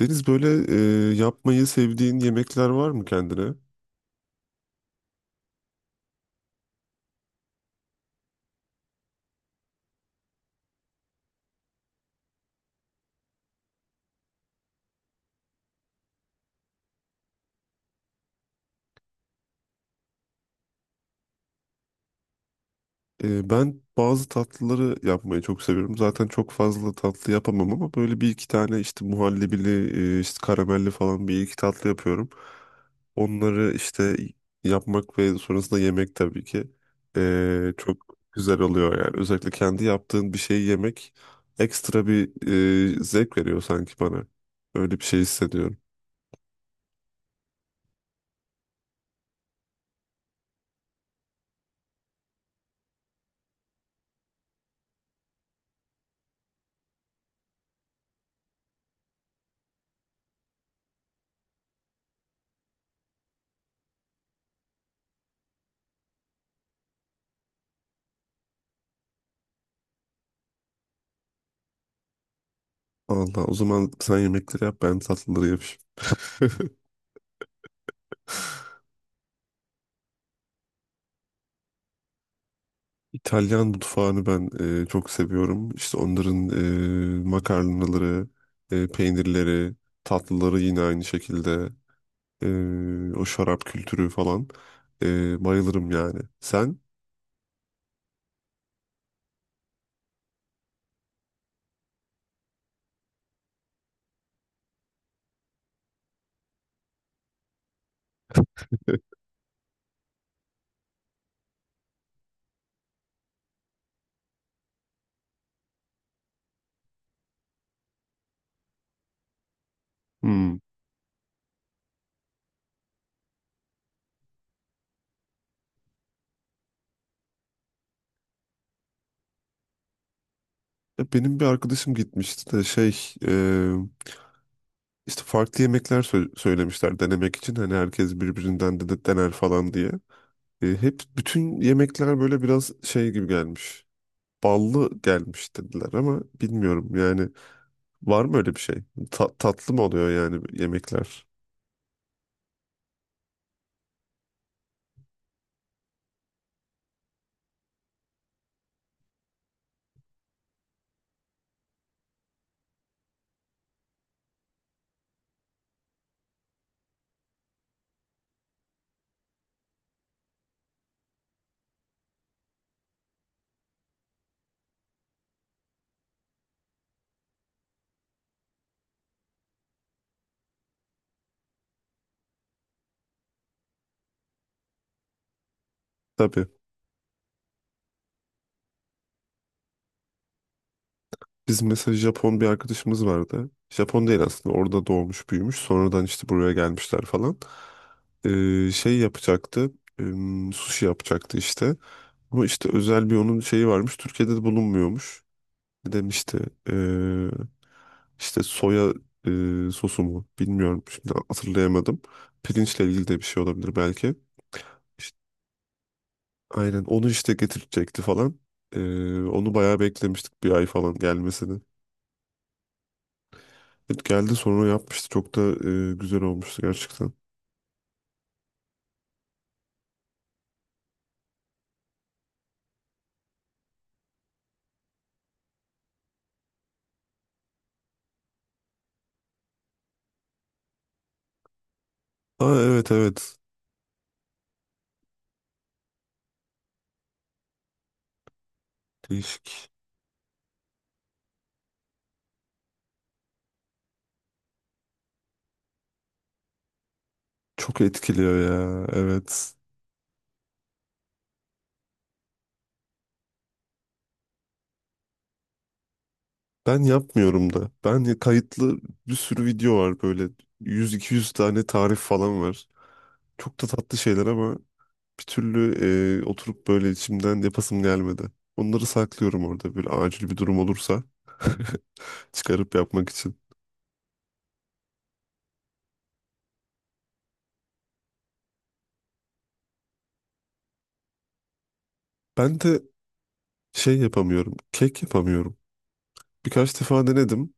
Deniz böyle yapmayı sevdiğin yemekler var mı kendine? Ben bazı tatlıları yapmayı çok seviyorum. Zaten çok fazla tatlı yapamam ama böyle bir iki tane işte muhallebili, işte karamelli falan bir iki tatlı yapıyorum. Onları işte yapmak ve sonrasında yemek tabii ki çok güzel oluyor yani. Özellikle kendi yaptığın bir şeyi yemek ekstra bir zevk veriyor sanki bana. Öyle bir şey hissediyorum. Allah o zaman sen yemekleri yap ben tatlıları yapayım. İtalyan mutfağını ben çok seviyorum. İşte onların makarnaları, peynirleri, tatlıları yine aynı şekilde. O şarap kültürü falan. Bayılırım yani. Sen? Hmm. Ya benim bir arkadaşım gitmişti de şey e, işte farklı yemekler söylemişler denemek için. Hani herkes birbirinden de dener falan diye. Hep bütün yemekler böyle biraz şey gibi gelmiş. Ballı gelmiş dediler ama bilmiyorum yani, var mı öyle bir şey? Tatlı mı oluyor yani yemekler? Tabii. Biz mesela Japon bir arkadaşımız vardı. Japon değil aslında orada doğmuş büyümüş sonradan işte buraya gelmişler falan. Şey yapacaktı. e, Sushi yapacaktı işte. Ama işte özel bir onun şeyi varmış. Türkiye'de de bulunmuyormuş. Ne demişti? Ee, işte soya sosu mu? Bilmiyorum. Şimdi hatırlayamadım. Pirinçle ilgili de bir şey olabilir belki. İşte, aynen onu işte getirecekti falan. Onu bayağı beklemiştik bir ay falan gelmesini. Evet, geldi sonra yapmıştı. Çok da güzel olmuştu gerçekten. Aa, evet, evet. Değişik. Çok etkiliyor ya. Evet. Ben yapmıyorum da. Ben kayıtlı bir sürü video var böyle. Yüz iki yüz tane tarif falan var. Çok da tatlı şeyler ama bir türlü oturup böyle içimden yapasım gelmedi. Onları saklıyorum orada böyle acil bir durum olursa çıkarıp yapmak için. Ben de şey yapamıyorum, kek yapamıyorum. Birkaç defa denedim.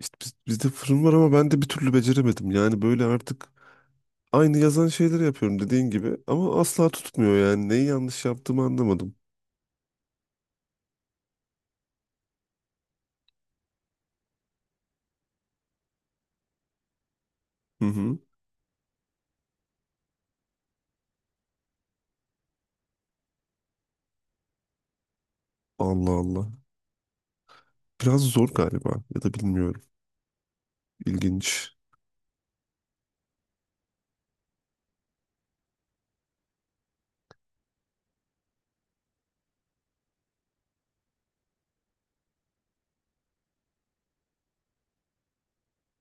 İşte bizde fırın var ama ben de bir türlü beceremedim. Yani böyle artık aynı yazan şeyleri yapıyorum dediğin gibi ama asla tutmuyor yani. Neyi yanlış yaptığımı anlamadım. Hı hı. Allah Allah. Biraz zor galiba ya da bilmiyorum. İlginç.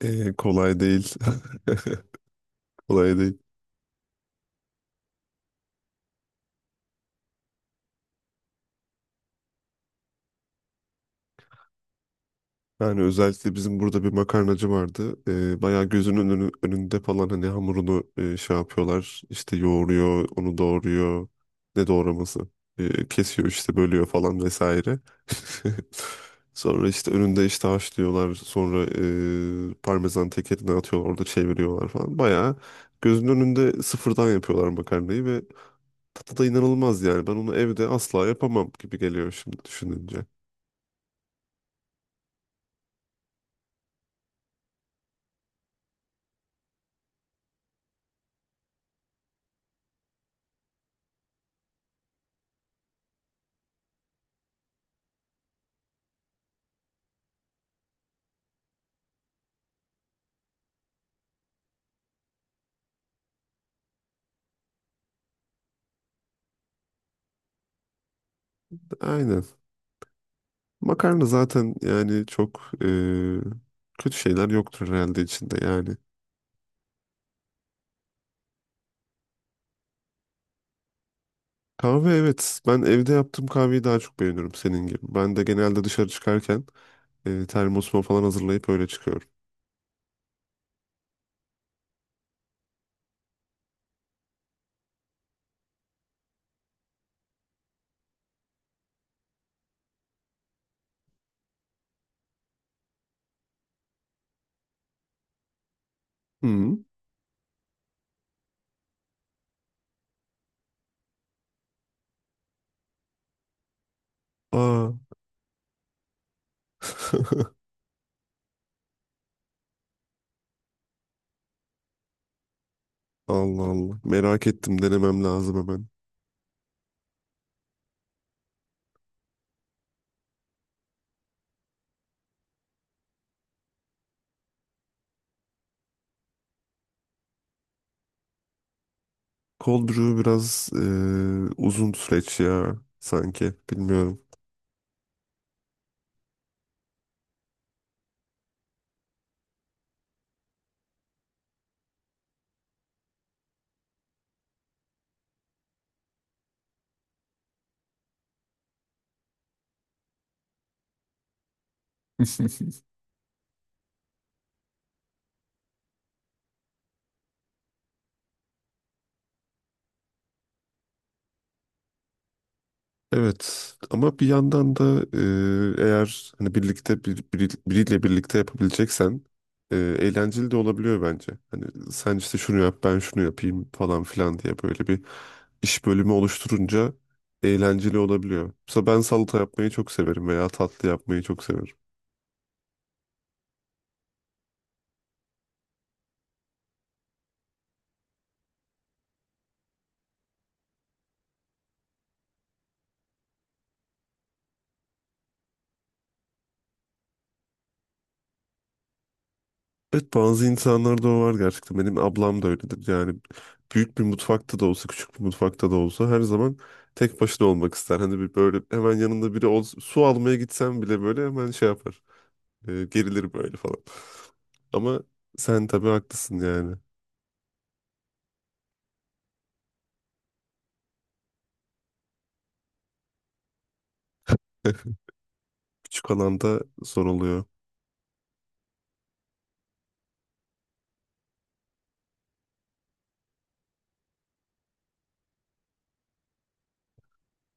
Kolay değil. Kolay değil. Yani özellikle bizim burada bir makarnacı vardı. Bayağı gözünün önünde falan hani hamurunu şey yapıyorlar. İşte yoğuruyor, onu doğruyor. Ne doğraması? Kesiyor işte bölüyor falan vesaire. Sonra işte önünde işte haşlıyorlar. Sonra parmesan tekerine atıyorlar. Orada çeviriyorlar falan. Bayağı gözünün önünde sıfırdan yapıyorlar makarnayı ve tadı da inanılmaz yani. Ben onu evde asla yapamam gibi geliyor şimdi düşününce. Aynen. Makarna zaten yani çok kötü şeyler yoktur herhalde içinde yani. Kahve, evet. Ben evde yaptığım kahveyi daha çok beğeniyorum senin gibi. Ben de genelde dışarı çıkarken termosuma falan hazırlayıp öyle çıkıyorum. Hı. Aa. Allah Allah. Merak ettim. Denemem lazım hemen. Cold brew biraz uzun süreç ya sanki. Bilmiyorum. Evet, ama bir yandan da eğer hani birlikte biriyle birlikte yapabileceksen eğlenceli de olabiliyor bence. Hani sen işte şunu yap ben şunu yapayım falan filan diye böyle bir iş bölümü oluşturunca eğlenceli olabiliyor. Mesela ben salata yapmayı çok severim veya tatlı yapmayı çok severim. Evet, bazı insanlarda o var gerçekten. Benim ablam da öyledir. Yani büyük bir mutfakta da olsa, küçük bir mutfakta da olsa her zaman tek başına olmak ister. Hani bir böyle hemen yanında biri olsa, su almaya gitsem bile böyle hemen şey yapar. Gerilir böyle falan. Ama sen tabii haklısın yani. Küçük alanda zor oluyor.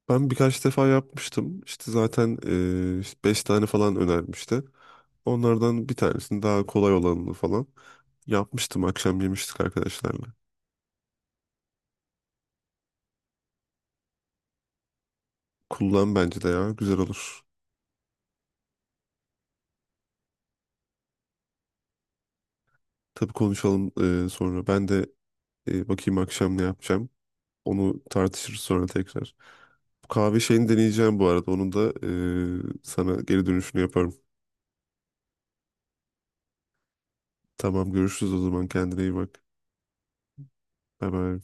Ben birkaç defa yapmıştım. İşte zaten işte beş tane falan önermişti. Onlardan bir tanesini daha kolay olanını falan yapmıştım. Akşam yemiştik arkadaşlarla. Kullan bence de ya. Güzel olur. Tabii, konuşalım sonra. Ben de bakayım akşam ne yapacağım. Onu tartışırız sonra tekrar. Bu kahve şeyini deneyeceğim bu arada. Onun da sana geri dönüşünü yaparım. Tamam, görüşürüz o zaman. Kendine iyi bak. Bye bye.